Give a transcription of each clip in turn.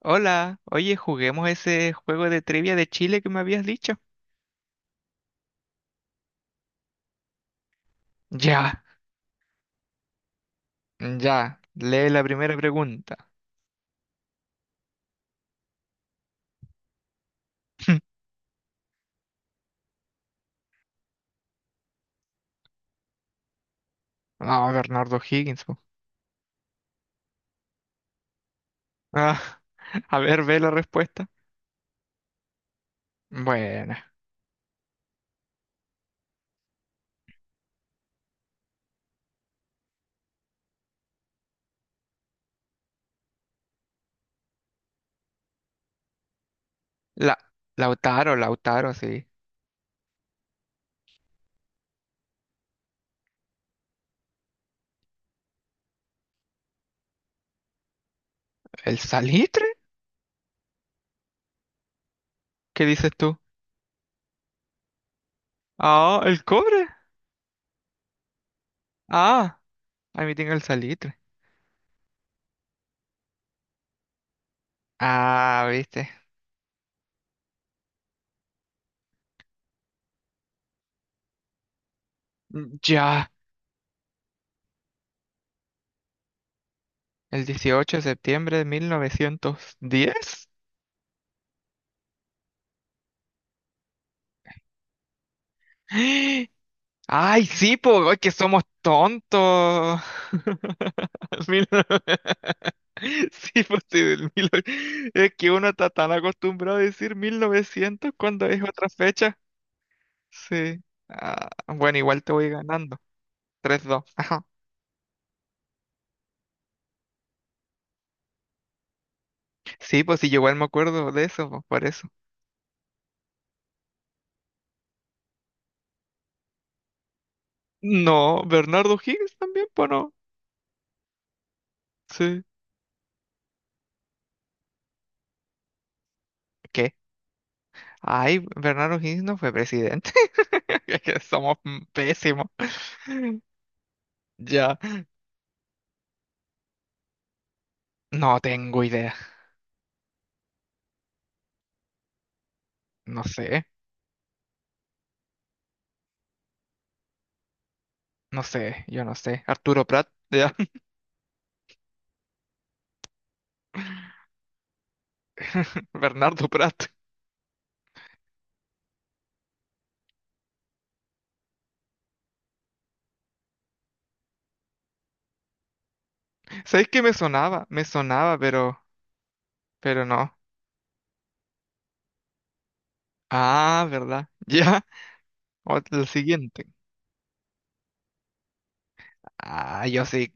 Hola, oye, juguemos ese juego de trivia de Chile que me habías dicho. Ya, ya, lee la primera pregunta. Vamos, Bernardo Higgins po. Ah, a ver, ve la respuesta. Bueno, la, Lautaro, Lautaro, sí. ¿El salitre? ¿Qué dices tú? Ah, el cobre. Ah, a mí tengo el salitre. Ah, viste. Ya, el 18 de septiembre de 1910. Ay, sí, pues, que somos tontos. Mil- Sí, pues sí, del mil. Es que uno está tan acostumbrado a decir 1900 cuando es otra fecha. Sí. Ah, bueno, igual te voy ganando. 3-2. Ajá. Sí, pues sí, yo igual me acuerdo de eso, pues, por eso. No, Bernardo Higgins también, pues no. Sí. ¿Qué? Ay, Bernardo Higgins no fue presidente. Es que somos pésimos. Ya. No tengo idea. No sé, no sé, yo no sé. Arturo Prat, ya, Bernardo Prat. ¿Sabéis que me sonaba? Me sonaba, pero no. Ah, ¿verdad? Ya, el siguiente. Ah, yo sí.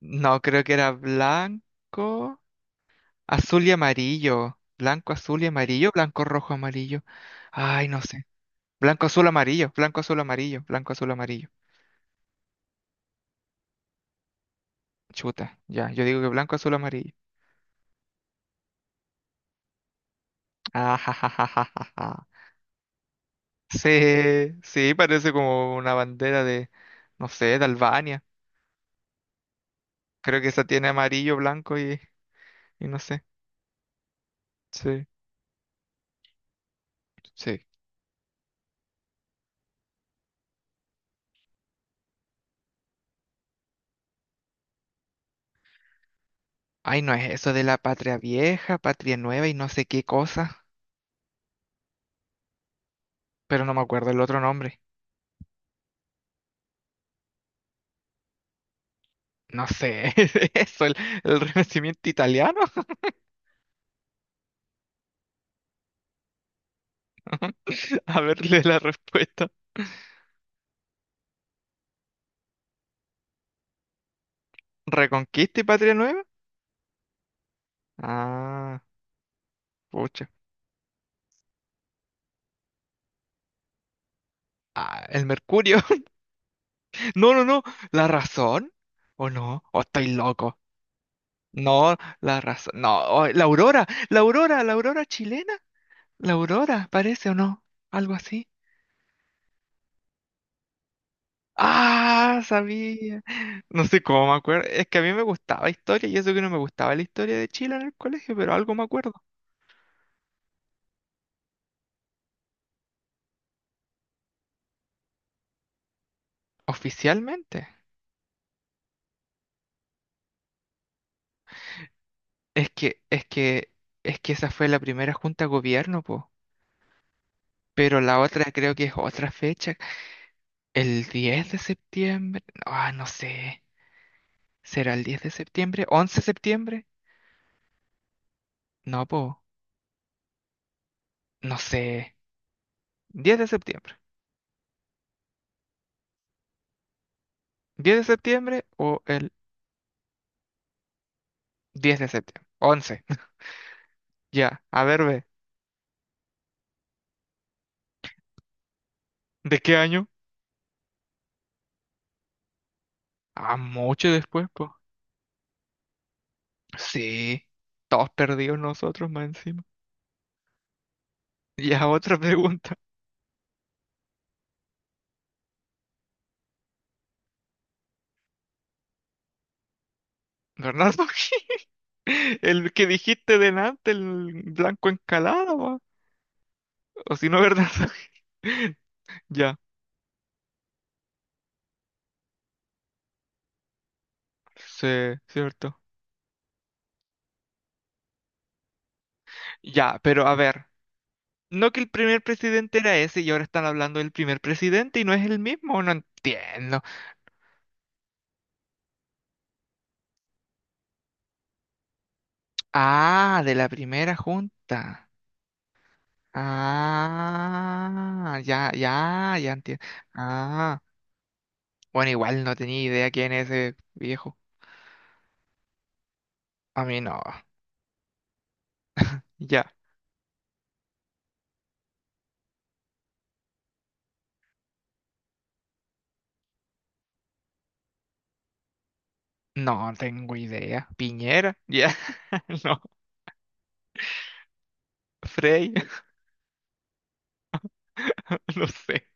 No, creo que era blanco, azul y amarillo. Blanco, azul y amarillo, blanco, rojo, amarillo. Ay, no sé. Blanco, azul, amarillo, blanco, azul, amarillo, blanco, azul, amarillo. Chuta, ya, yo digo que blanco, azul, amarillo. Ah, ja, ja, ja, ja, ja, ja. Sí, sí, parece como una bandera de, no sé, de Albania. Creo que esa tiene amarillo, blanco y no sé. Sí, sí. Ay, no es eso de la patria vieja, patria nueva y no sé qué cosa, pero no me acuerdo el otro nombre. No sé, eso, el renacimiento italiano. A verle la respuesta. ¿Reconquista y patria nueva? Ah, pucha. Ah, el Mercurio. No, no, no. ¿La razón? ¿O no? ¿O estoy loco? No, la raza. No, oh, la aurora, la aurora, la aurora chilena. La aurora, parece o no. Algo así. Ah, sabía. No sé cómo me acuerdo. Es que a mí me gustaba historia y eso que no me gustaba la historia de Chile en el colegio, pero algo me acuerdo. Oficialmente. Es que, es que, es que esa fue la primera junta de gobierno, po. Pero la otra creo que es otra fecha. El 10 de septiembre. Ah, no sé. ¿Será el 10 de septiembre? ¿Once de septiembre? No, po. No sé. 10 de septiembre. 10 de septiembre o el 10 de septiembre. 11. Ya, a ver, ve. ¿De qué año? Ah, mucho después, pues. Sí, todos perdidos nosotros más encima. Ya, otra pregunta. Bernardo, el que dijiste delante, el blanco encalado, po. O si no, Bernardo. Ya, sí, cierto. Ya, pero a ver, no que el primer presidente era ese y ahora están hablando del primer presidente y no es el mismo, no entiendo. Ah, de la primera junta. Ah, ya, ya, ya entiendo. Ah, bueno, igual no tenía idea quién es ese viejo. A mí no. Ya. No tengo idea. Piñera. Ya. No. Frey. No sé.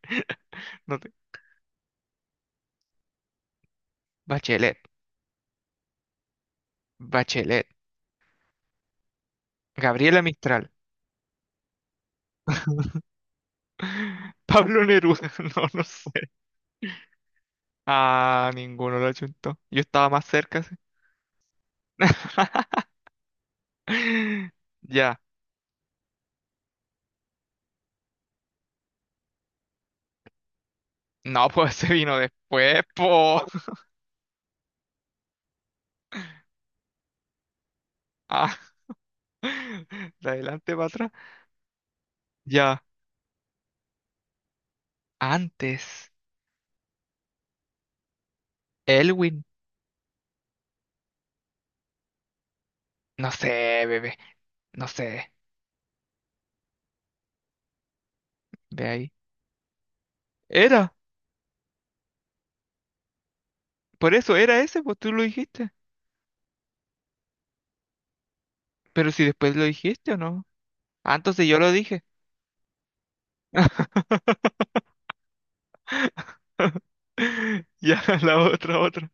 No te- Bachelet. Bachelet. Gabriela Mistral. Pablo Neruda. No, no sé. Ah, ninguno lo achuntó. Yo estaba más cerca. Sí. Ya. No, pues se vino después, po. Ah, de adelante para atrás. Ya, antes. Elwin. No sé, bebé. No sé. Ve ahí. Era. Por eso era ese, pues tú lo dijiste. Pero si después lo dijiste o no. Ah, entonces yo lo dije. Ya, la otra, otra.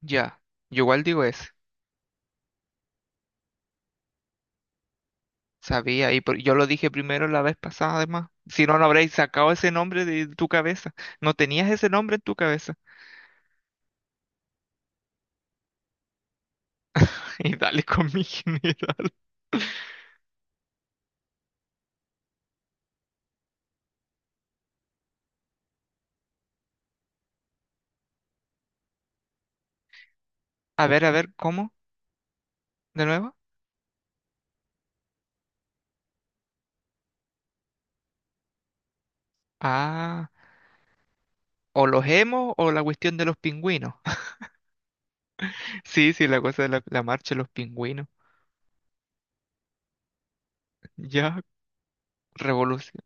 Ya. Yo igual digo ese. Sabía. Y por- yo lo dije primero la vez pasada, además. Si no, no habréis sacado ese nombre de tu cabeza. No tenías ese nombre en tu cabeza. Y dale con mi general. A ver, ¿cómo? ¿De nuevo? Ah, o los hemos o la cuestión de los pingüinos. Sí, sí, la cosa de la marcha de los pingüinos. Ya, revolución,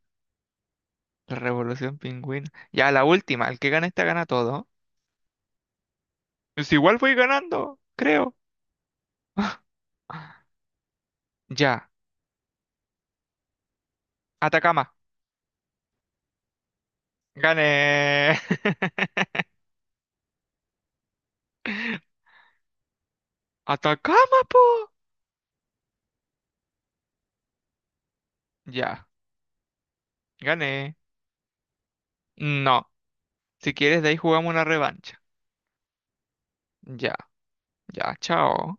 la revolución pingüina. Ya, la última, el que gana esta gana todo. Pues igual voy ganando, creo. Ya, Atacama. Gané. Atacama, po. Ya, gané. No, si quieres de ahí jugamos una revancha. Ya, ya, chao.